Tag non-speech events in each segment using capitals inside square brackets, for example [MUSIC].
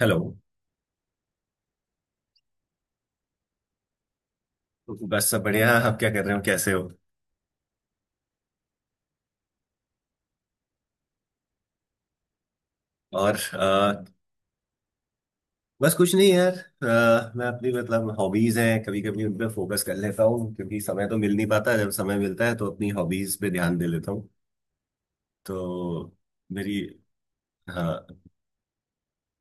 Hello. बस सब बढ़िया। आप क्या कर रहे हो? कैसे हो? और अ, बस कुछ नहीं यार। मैं अपनी मतलब हॉबीज हैं, कभी कभी उन पे फोकस कर लेता हूँ क्योंकि समय तो मिल नहीं पाता। जब समय मिलता है तो अपनी हॉबीज पे ध्यान दे लेता हूँ। तो मेरी हाँ,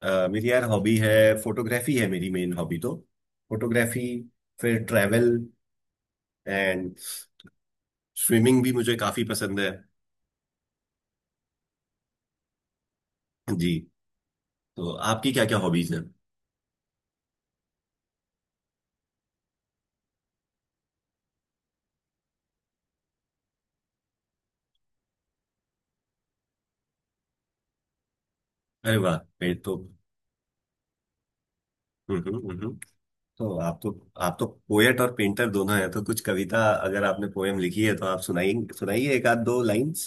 मेरी यार हॉबी है। फोटोग्राफी है मेरी मेन हॉबी। तो फोटोग्राफी, फिर ट्रैवल एंड स्विमिंग भी मुझे काफी पसंद है। जी। तो आपकी क्या क्या हॉबीज हैं? अरे वाह! ये तो। हम्म। तो आप तो पोएट और पेंटर दोनों हैं, तो कुछ कविता, अगर आपने पोएम लिखी है तो आप सुनाइए। सुनाइए एक आध दो लाइंस।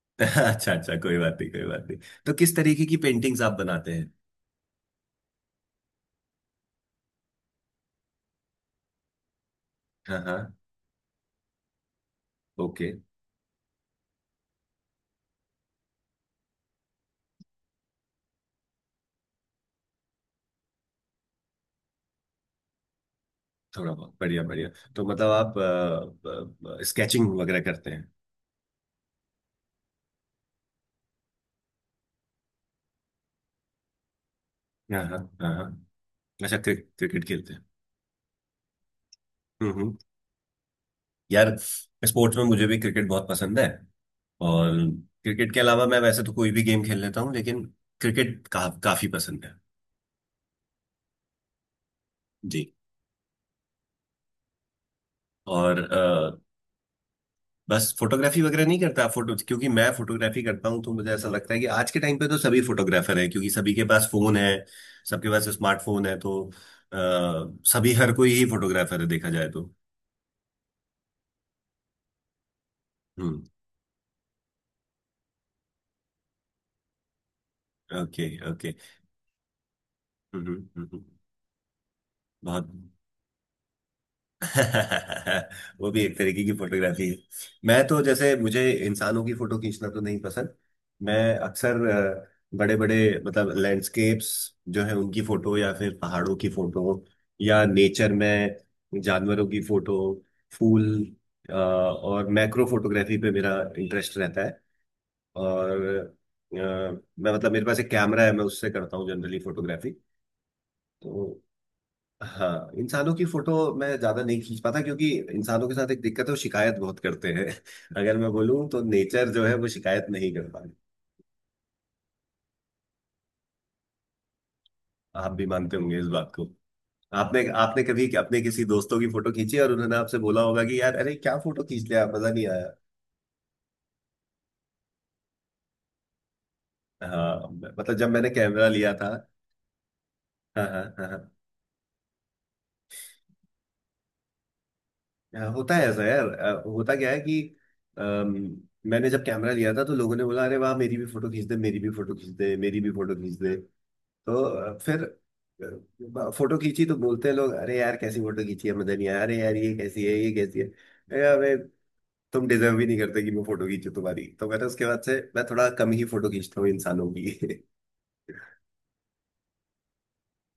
[LAUGHS] अच्छा अच्छा, कोई बात नहीं, कोई बात नहीं। तो किस तरीके की पेंटिंग्स आप बनाते हैं? हाँ हाँ। ओके। थोड़ा बहुत, बढ़िया बढ़िया। तो मतलब आप स्केचिंग वगैरह करते हैं? हाँ हाँ हाँ हाँ। अच्छा, क्रिकेट खेलते हैं? हम्म। यार, स्पोर्ट्स में मुझे भी क्रिकेट बहुत पसंद है। और क्रिकेट के अलावा मैं वैसे तो कोई भी गेम खेल लेता हूँ, लेकिन क्रिकेट का काफी पसंद है। जी। और अ, बस फोटोग्राफी वगैरह नहीं करता आप? फोटो, क्योंकि मैं फोटोग्राफी करता हूँ तो मुझे ऐसा लगता है कि आज के टाइम पे तो सभी फोटोग्राफर हैं क्योंकि सभी के पास फोन है। सबके पास स्मार्टफोन है तो अ, सभी हर कोई ही फोटोग्राफर है देखा जाए तो। हम्म। Okay okay. हम्म हम्म हम्म, हम्म। बहुत। [LAUGHS] वो भी एक तरीके की फोटोग्राफी है। मैं तो जैसे, मुझे इंसानों की फोटो खींचना तो नहीं पसंद। मैं अक्सर बड़े बड़े मतलब लैंडस्केप्स जो है उनकी फोटो, या फिर पहाड़ों की फोटो, या नेचर में जानवरों की फोटो, फूल, और मैक्रो फोटोग्राफी पे मेरा इंटरेस्ट रहता है। और अ, मैं मतलब मेरे पास एक कैमरा है, मैं उससे करता हूँ जनरली फोटोग्राफी। तो हाँ, इंसानों की फोटो मैं ज्यादा नहीं खींच पाता क्योंकि इंसानों के साथ एक दिक्कत है, वो शिकायत बहुत करते हैं। [LAUGHS] अगर मैं बोलूँ तो नेचर जो है वो शिकायत नहीं कर पाती। आप भी मानते होंगे इस बात को। आपने आपने कभी अपने किसी दोस्तों की फोटो खींची और उन्होंने आपसे बोला होगा कि यार अरे क्या फोटो खींच लिया, मजा नहीं आया। हाँ मतलब जब मैंने कैमरा लिया था। हाँ हाँ हाँ हाँ। हाँ, होता है ऐसा यार। होता क्या है कि अम, मैंने जब कैमरा लिया था तो लोगों ने बोला अरे वाह मेरी भी फोटो खींच दे, मेरी भी फोटो खींच दे, मेरी भी फोटो खींच दे। तो फिर फोटो खींची तो बोलते हैं लोग अरे यार कैसी फोटो खींची है मदन, यार अरे यार ये कैसी है अरे अबे, तुम डिजर्व भी नहीं करते कि मैं फोटो खींचूं तुम्हारी। तो मैंने उसके बाद से मैं थोड़ा कम ही फोटो खींचता हूँ इंसानों की। [LAUGHS]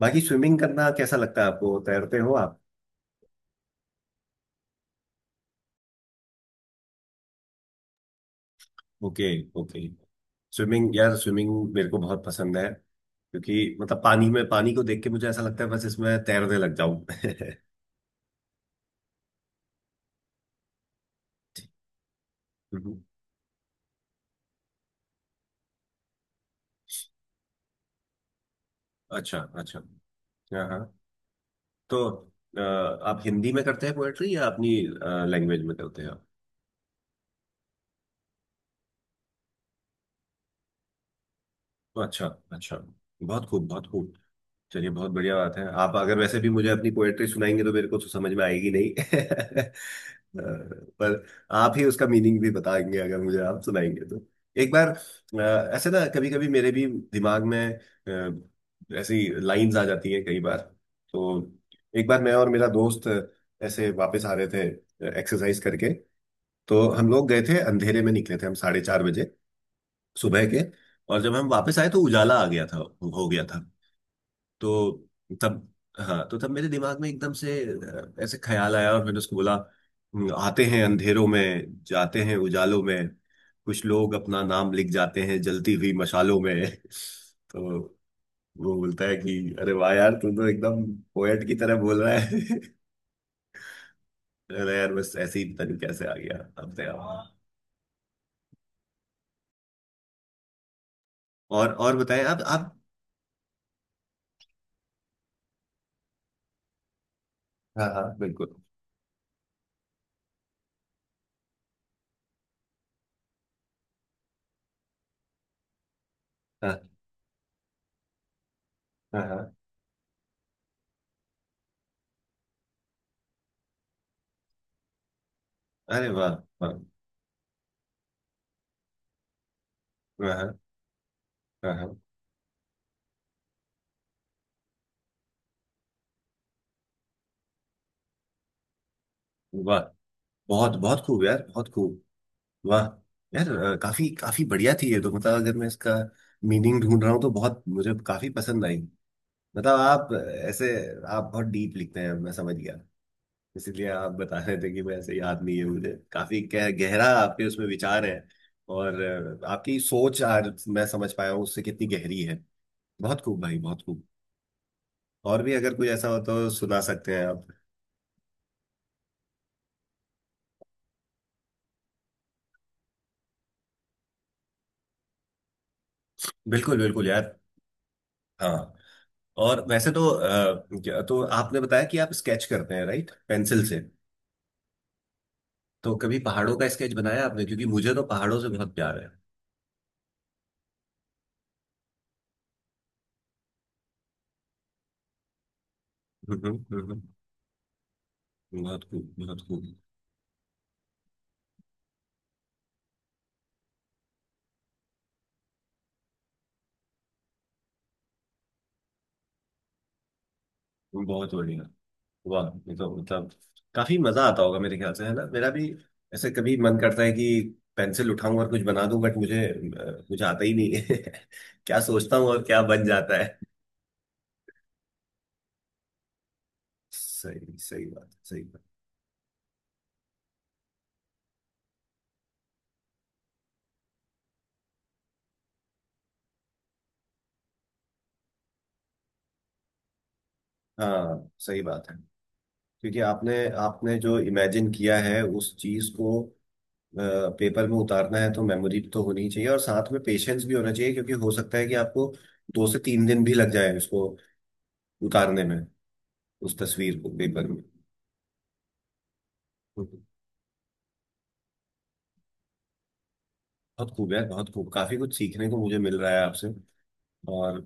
बाकी स्विमिंग करना कैसा लगता है आपको? तैरते हो आप? Okay okay. स्विमिंग, यार स्विमिंग मेरे को बहुत पसंद है क्योंकि मतलब पानी में, पानी को देख के मुझे ऐसा लगता है बस इसमें तैरने लग जाऊं। [LAUGHS] अच्छा अच्छा। हाँ हाँ। तो अ, आप हिंदी में करते हैं पोएट्री या अपनी लैंग्वेज में करते हैं आप? तो अच्छा, अच्छा। बहुत खूब, बहुत खूब। चलिए, बहुत बढ़िया बात है। आप अगर वैसे भी मुझे अपनी पोएट्री सुनाएंगे तो मेरे को तो समझ में आएगी नहीं। [LAUGHS] अ, पर आप ही उसका मीनिंग भी बताएंगे अगर मुझे आप सुनाएंगे तो। एक बार, ऐसे ना, कभी कभी मेरे भी दिमाग में ऐसी लाइंस आ जाती हैं कई बार। तो एक बार मैं और मेरा दोस्त ऐसे वापस आ रहे थे एक्सरसाइज करके। तो हम लोग गए थे, अंधेरे में निकले थे हम 4:30 बजे सुबह के। और जब हम वापस आए तो उजाला आ गया था। हो गया था। तो तब हाँ, तो तब मेरे दिमाग में एकदम से ऐसे ख्याल आया और मैंने उसको बोला: आते हैं अंधेरों में, जाते हैं उजालों में, कुछ लोग अपना नाम लिख जाते हैं जलती हुई मशालों में।" [LAUGHS] तो वो बोलता है कि अरे वाह यार, तू तो एकदम पोएट की तरह बोल रहा है। [LAUGHS] अरे यार बस ऐसे ही, पता नहीं कैसे आ गया अपने आप। और बताएं, आप। हाँ हाँ बिल्कुल। हाँ हाँ हाँ। अरे वाह! वाह! वाह! हाँ हाँ हाँ, वाह! बहुत, बहुत खूब यार, बहुत खूब। वाह! यार, काफी काफी बढ़िया थी ये तो। मतलब अगर मैं इसका मीनिंग ढूंढ रहा हूँ तो बहुत मुझे काफी पसंद आई। मतलब आप ऐसे, आप बहुत डीप लिखते हैं मैं समझ गया। इसीलिए आप बता रहे थे कि मैं ऐसे याद नहीं है मुझे। काफी गहरा आपके उसमें विचार है। और आपकी सोच आज मैं समझ पाया हूँ उससे कितनी गहरी है। बहुत खूब भाई, बहुत खूब। और भी अगर कोई ऐसा हो तो सुना सकते हैं आप? बिल्कुल बिल्कुल यार। हाँ। और वैसे तो तो आपने बताया कि आप स्केच करते हैं, राइट, पेंसिल से? तो कभी पहाड़ों का स्केच बनाया आपने? क्योंकि मुझे तो पहाड़ों से बहुत प्यार है। हम्म। बहुत खूब, बहुत खूब। बहुत बढ़िया। वाह, ये तो मतलब काफी मजा आता होगा मेरे ख्याल से, है ना? मेरा भी ऐसे कभी मन करता है कि पेंसिल उठाऊं और कुछ बना दूं, बट मुझे आता ही नहीं है। [LAUGHS] क्या सोचता हूँ और क्या बन जाता है। सही सही बात है, सही बात। हाँ सही बात है। क्योंकि आपने आपने जो इमेजिन किया है उस चीज को पेपर में उतारना है तो मेमोरी तो होनी चाहिए और साथ में पेशेंस भी होना चाहिए, क्योंकि हो सकता है कि आपको 2 से 3 दिन भी लग जाए उसको उतारने में। उस तस्वीर को पेपर में। बहुत खूब है, बहुत खूब। काफी कुछ सीखने को मुझे मिल रहा है आपसे। और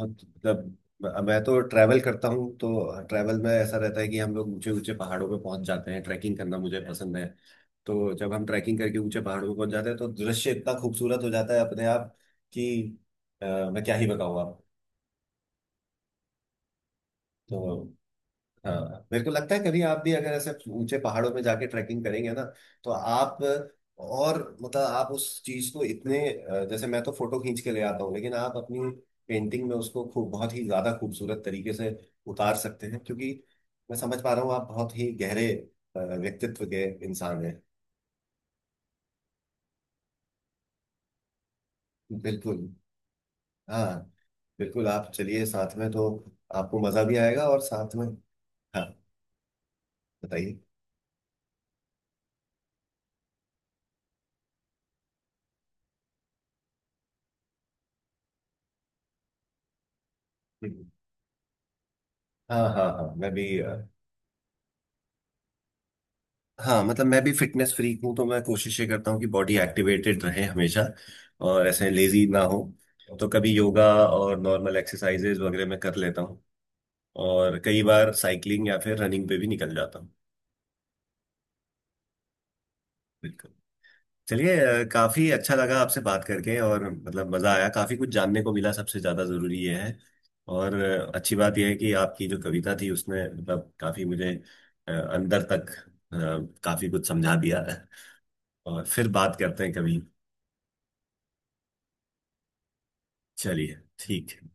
बहुत मतलब, मैं तो ट्रैवल करता हूँ तो ट्रैवल में ऐसा रहता है कि हम लोग ऊंचे ऊंचे पहाड़ों पे पहुंच जाते हैं। ट्रैकिंग करना मुझे पसंद है। तो जब हम ट्रैकिंग करके ऊंचे पहाड़ों पर पहुंच जाते हैं तो दृश्य इतना खूबसूरत हो जाता है अपने आप कि अ, मैं क्या ही बताऊँ आपको तो। हाँ, मेरे को लगता है कभी आप भी अगर ऐसे ऊंचे पहाड़ों में जाके ट्रैकिंग करेंगे ना तो आप, और मतलब आप उस चीज को इतने जैसे मैं तो फोटो खींच के ले आता हूँ लेकिन आप अपनी पेंटिंग में उसको खूब बहुत ही ज्यादा खूबसूरत तरीके से उतार सकते हैं क्योंकि मैं समझ पा रहा हूँ आप बहुत ही गहरे व्यक्तित्व के इंसान हैं। बिल्कुल। हाँ। बिल्कुल आप चलिए साथ में तो आपको मजा भी आएगा और साथ में। हाँ। बताइए। हम्म। हाँ हाँ हाँ मैं भी हाँ मतलब मैं भी फिटनेस फ्रीक हूँ तो मैं कोशिश ये करता हूँ कि बॉडी एक्टिवेटेड रहे हमेशा और ऐसे लेजी ना हो। तो कभी योगा और नॉर्मल एक्सरसाइजेज वगैरह मैं कर लेता हूँ। और कई बार साइकिलिंग या फिर रनिंग पे भी निकल जाता हूँ। बिल्कुल। चलिए, काफी अच्छा लगा आपसे बात करके और मतलब मजा आया, काफी कुछ जानने को मिला, सबसे ज्यादा जरूरी ये है। और अच्छी बात यह है कि आपकी जो कविता थी उसने मतलब काफी मुझे अंदर तक काफी कुछ समझा दिया। और फिर बात करते हैं कभी। चलिए ठीक है।